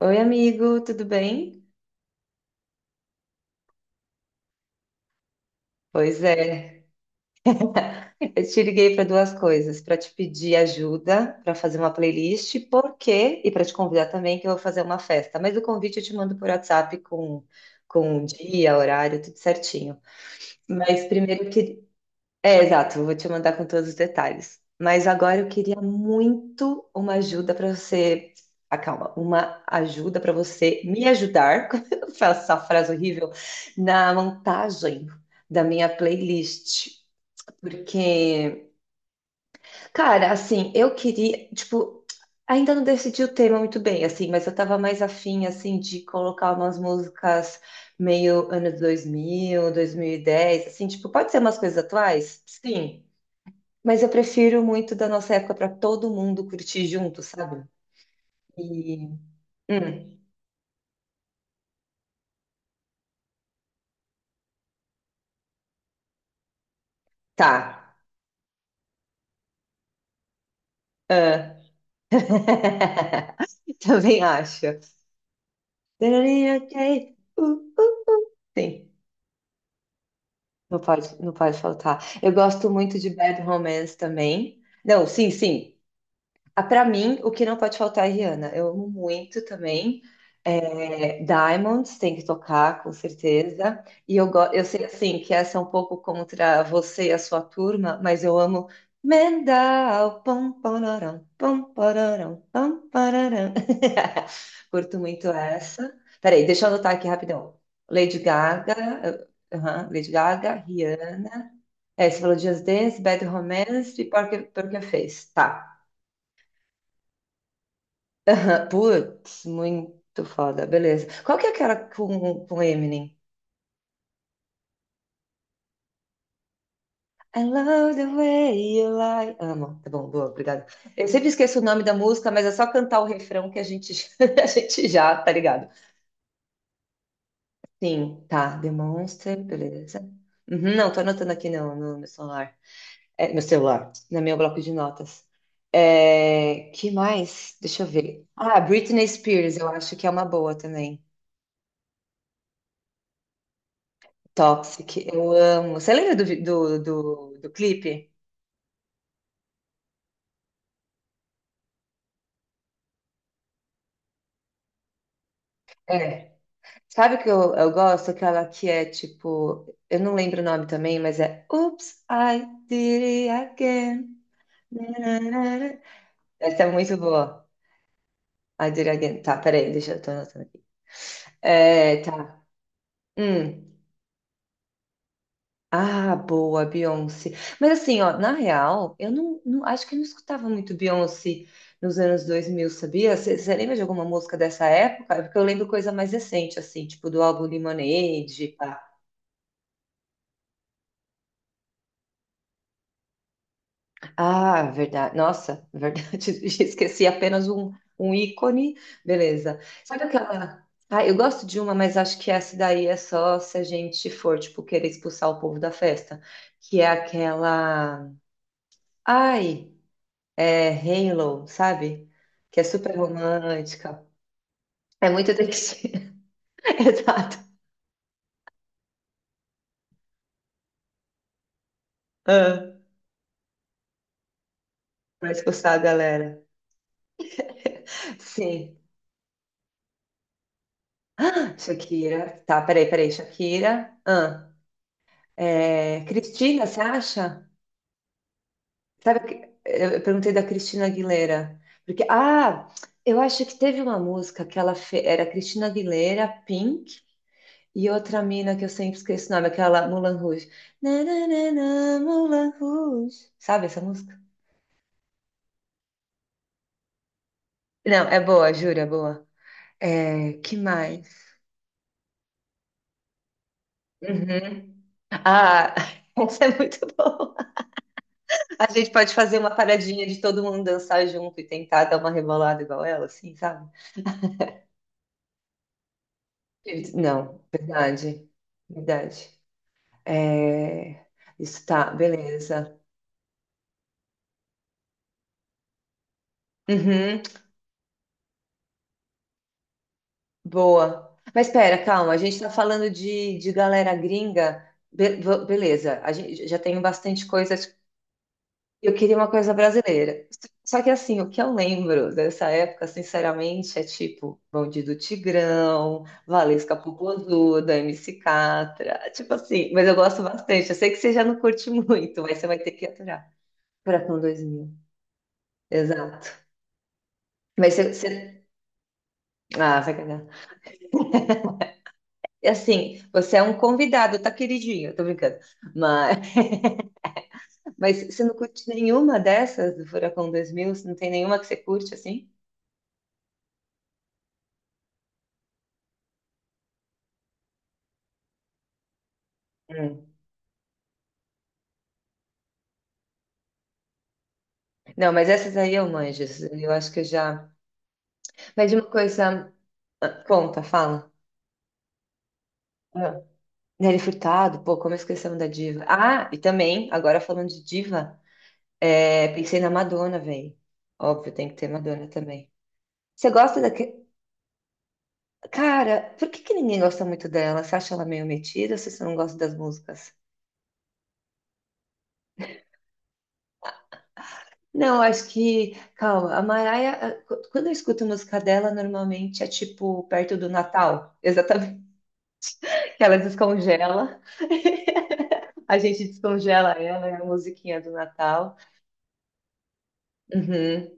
Oi, amigo, tudo bem? Pois é, eu te liguei para duas coisas, para te pedir ajuda para fazer uma playlist, por quê? E para te convidar também que eu vou fazer uma festa. Mas o convite eu te mando por WhatsApp com o dia, horário, tudo certinho. Mas primeiro eu que- É, exato, eu vou te mandar com todos os detalhes. Mas agora eu queria muito uma ajuda para você. Ah, calma, uma ajuda para você me ajudar, com essa frase horrível, na montagem da minha playlist. Porque, cara, assim, eu queria, tipo, ainda não decidi o tema muito bem, assim, mas eu tava mais afim, assim, de colocar umas músicas meio anos dois mil, dois mil e dez, assim, tipo, pode ser umas coisas atuais? Sim. Mas eu prefiro muito da nossa época para todo mundo curtir junto, sabe? E. Hum, tá. Ah. Também acho. Ok. Sim, não pode, não pode faltar. Eu gosto muito de Bad Romance também. Não, sim, sim. Ah, pra mim, o que não pode faltar é Rihanna. Eu amo muito também. É, Diamonds tem que tocar, com certeza. E eu, eu sei assim que essa é um pouco contra você e a sua turma, mas eu amo Mendal. Pam, pararam, pam, pararam, pam, pararam. Curto muito essa. Peraí, deixa eu anotar aqui rapidão. Lady Gaga, aham, Lady Gaga, Rihanna. É, você falou Just Dance, Bad Romance e Porque, Porque Fez. Tá. Putz, muito foda, beleza. Qual que é aquela com Eminem? I love the way you lie. Amo. Tá bom, boa, obrigada. Eu sempre esqueço o nome da música, mas é só cantar o refrão que a gente, a gente já, tá ligado? Sim, tá. The beleza. Uhum, não, tô anotando aqui não, no meu celular. É, meu celular, no meu bloco de notas. É, que mais? Deixa eu ver. Ah, Britney Spears, eu acho que é uma boa também. Toxic, eu amo. Você lembra do, do clipe? É. Sabe o que eu gosto? Aquela que é tipo. Eu não lembro o nome também, mas é. Oops, I did it again. Na, na, na, na. Essa é muito boa. I did it again. Tá, peraí, deixa eu tô anotando aqui. É, tá. Hum. Ah, boa, Beyoncé. Mas assim, ó, na real, eu não, não- acho que eu não escutava muito Beyoncé nos anos 2000, sabia? Você lembra de alguma música dessa época? É. Porque eu lembro coisa mais recente, assim, tipo do álbum Lemonade. Pá. Ah, verdade. Nossa, verdade. Esqueci apenas um ícone. Beleza. Sabe aquela. Ah, eu gosto de uma, mas acho que essa daí é só se a gente for, tipo, querer expulsar o povo da festa. Que é aquela. Ai. É Halo, sabe? Que é super romântica. É muito triste. Exato. Ah, pra expulsar a galera. Sim. Ah, Shakira. Tá, peraí, peraí. Shakira. Ah, é, Cristina, você acha? Sabe, eu perguntei da Cristina Aguilera. Porque, ah, eu acho que teve uma música que ela fez. Era Cristina Aguilera, Pink. E outra mina que eu sempre esqueço o nome, aquela Moulin Rouge. Na, na, na, na, Moulin Rouge. Sabe essa música? Não, é boa, juro, é boa. É, que mais? Uhum. Ah, essa é muito boa. A gente pode fazer uma paradinha de todo mundo dançar junto e tentar dar uma rebolada igual ela, assim, sabe? Não, verdade, verdade. É, isso tá, beleza. Uhum, boa. Mas espera, calma, a gente tá falando de galera gringa. Beleza, a gente já tem bastante coisa. Eu queria uma coisa brasileira. Só que assim, o que eu lembro dessa época, sinceramente, é tipo Bonde do Tigrão, Valesca Popozuda, MC Catra, tipo assim, mas eu gosto bastante. Eu sei que você já não curte muito, mas você vai ter que aturar. Furacão 2000, exato. Mas você, você- Ah, vai cagar. E assim, você é um convidado, tá queridinho, tô brincando. Mas, mas você não curte nenhuma dessas do Furacão 2000? Você não tem nenhuma que você curte assim? Não, mas essas aí eu manjo. Essas aí eu acho que eu já. Mas de uma coisa. Ah, conta, fala. Ah, Nelly Furtado, pô, como esquecemos da diva. Ah, e também, agora falando de diva, é, pensei na Madonna, velho. Óbvio, tem que ter Madonna também. Você gosta daquele. Cara, por que que ninguém gosta muito dela? Você acha ela meio metida ou você não gosta das músicas? Não, acho que. Calma, a Mariah, ah, quando eu escuto música dela, normalmente é tipo perto do Natal. Exatamente. Ela descongela. A gente descongela ela, é a musiquinha do Natal. Uhum.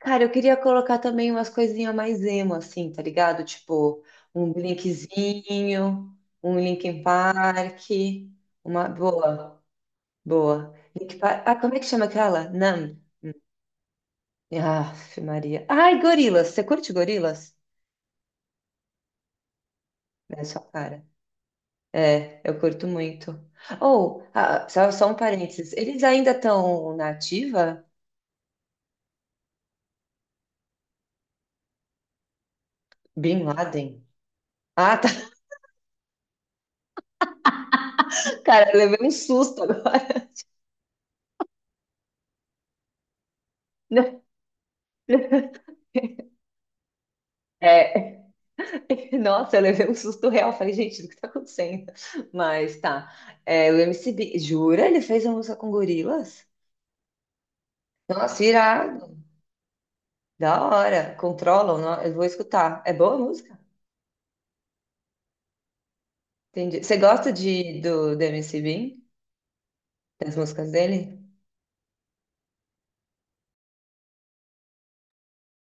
Cara, eu queria colocar também umas coisinhas mais emo, assim, tá ligado? Tipo, um Blinkzinho, um Linkin Park, uma boa, boa. Linkin Park... Ah, como é que chama aquela? Numb. Ah, Maria. Ai, Gorilas. Você curte Gorilas? É sua cara. É, eu curto muito. Ou, ah, só um parênteses, eles ainda estão na ativa? Bin Laden. Ah, cara, eu levei um susto agora. É, nossa, eu levei um susto real. Falei, gente, o que tá acontecendo? Mas tá. É, o M C B, jura? Ele fez uma música com gorilas? Nossa, irado. Da hora. Controlam, eu vou escutar. É boa a música? Entendi. Você gosta de, do M C B? Das músicas dele?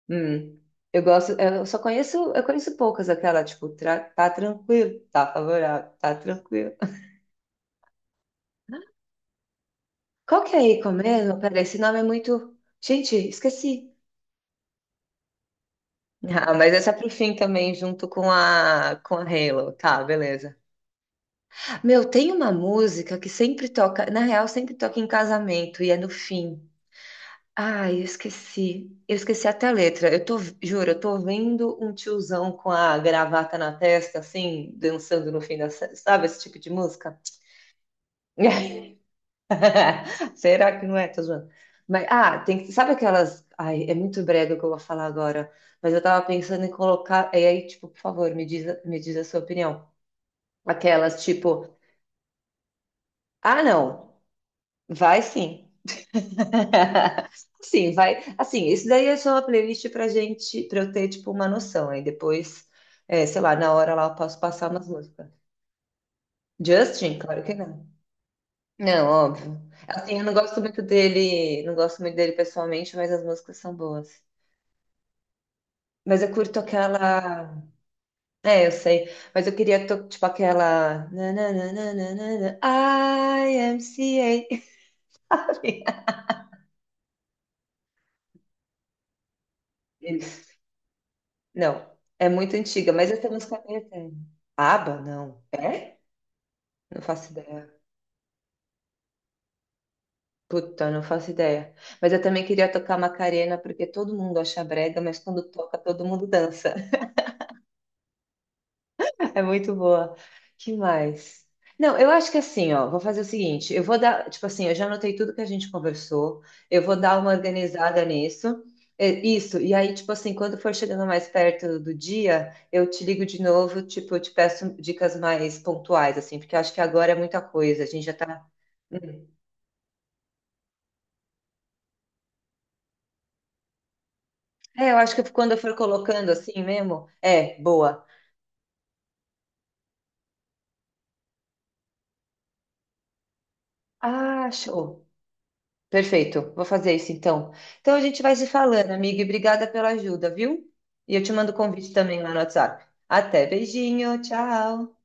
Hum. Eu gosto, eu conheço poucas, aquela, tipo, tá tranquilo, tá favorável, tá tranquilo. Qual que é a Ico mesmo? Peraí, esse nome é muito. Gente, esqueci. Ah, mas essa é pro fim também, junto com a Halo. Tá, beleza. Meu, tem uma música que sempre toca, na real, sempre toca em casamento e é no fim. Ai, eu esqueci. Eu esqueci até a letra. Eu tô, juro, eu tô vendo um tiozão com a gravata na testa, assim, dançando no fim da. Sabe esse tipo de música? Será que não é? Tô zoando. Mas, ah, tem que. Sabe aquelas. Ai, é muito brega o que eu vou falar agora. Mas eu tava pensando em colocar. E aí, tipo, por favor, me diz a sua opinião. Aquelas, tipo, ah, não, vai sim. Sim, vai. Assim, isso daí é só uma playlist pra gente, pra eu ter, tipo, uma noção. Aí depois, é, sei lá, na hora lá eu posso passar umas músicas. Justin? Claro que não. Não, óbvio. Assim, eu não gosto muito dele, não gosto muito dele pessoalmente, mas as músicas são boas. Mas eu curto aquela. É, eu sei. Mas eu queria, tipo, aquela. Nananana, IMCA. Não, é muito antiga, mas essa música é meio eterna. ABBA? Não. É? Não faço ideia. Puta, não faço ideia. Mas eu também queria tocar Macarena, porque todo mundo acha brega, mas quando toca, todo mundo dança. É muito boa. Que mais? Não, eu acho que assim, ó, vou fazer o seguinte, eu vou dar, tipo assim, eu já anotei tudo que a gente conversou, eu vou dar uma organizada nisso, é, isso, e aí, tipo assim, quando for chegando mais perto do dia, eu te ligo de novo, tipo, eu te peço dicas mais pontuais, assim, porque eu acho que agora é muita coisa, a gente já tá... Hum. É, eu acho que quando eu for colocando assim mesmo, é, boa. Ah, show. Perfeito, vou fazer isso então. Então a gente vai se falando, amiga, e obrigada pela ajuda, viu? E eu te mando o convite também lá no WhatsApp. Até, beijinho, tchau.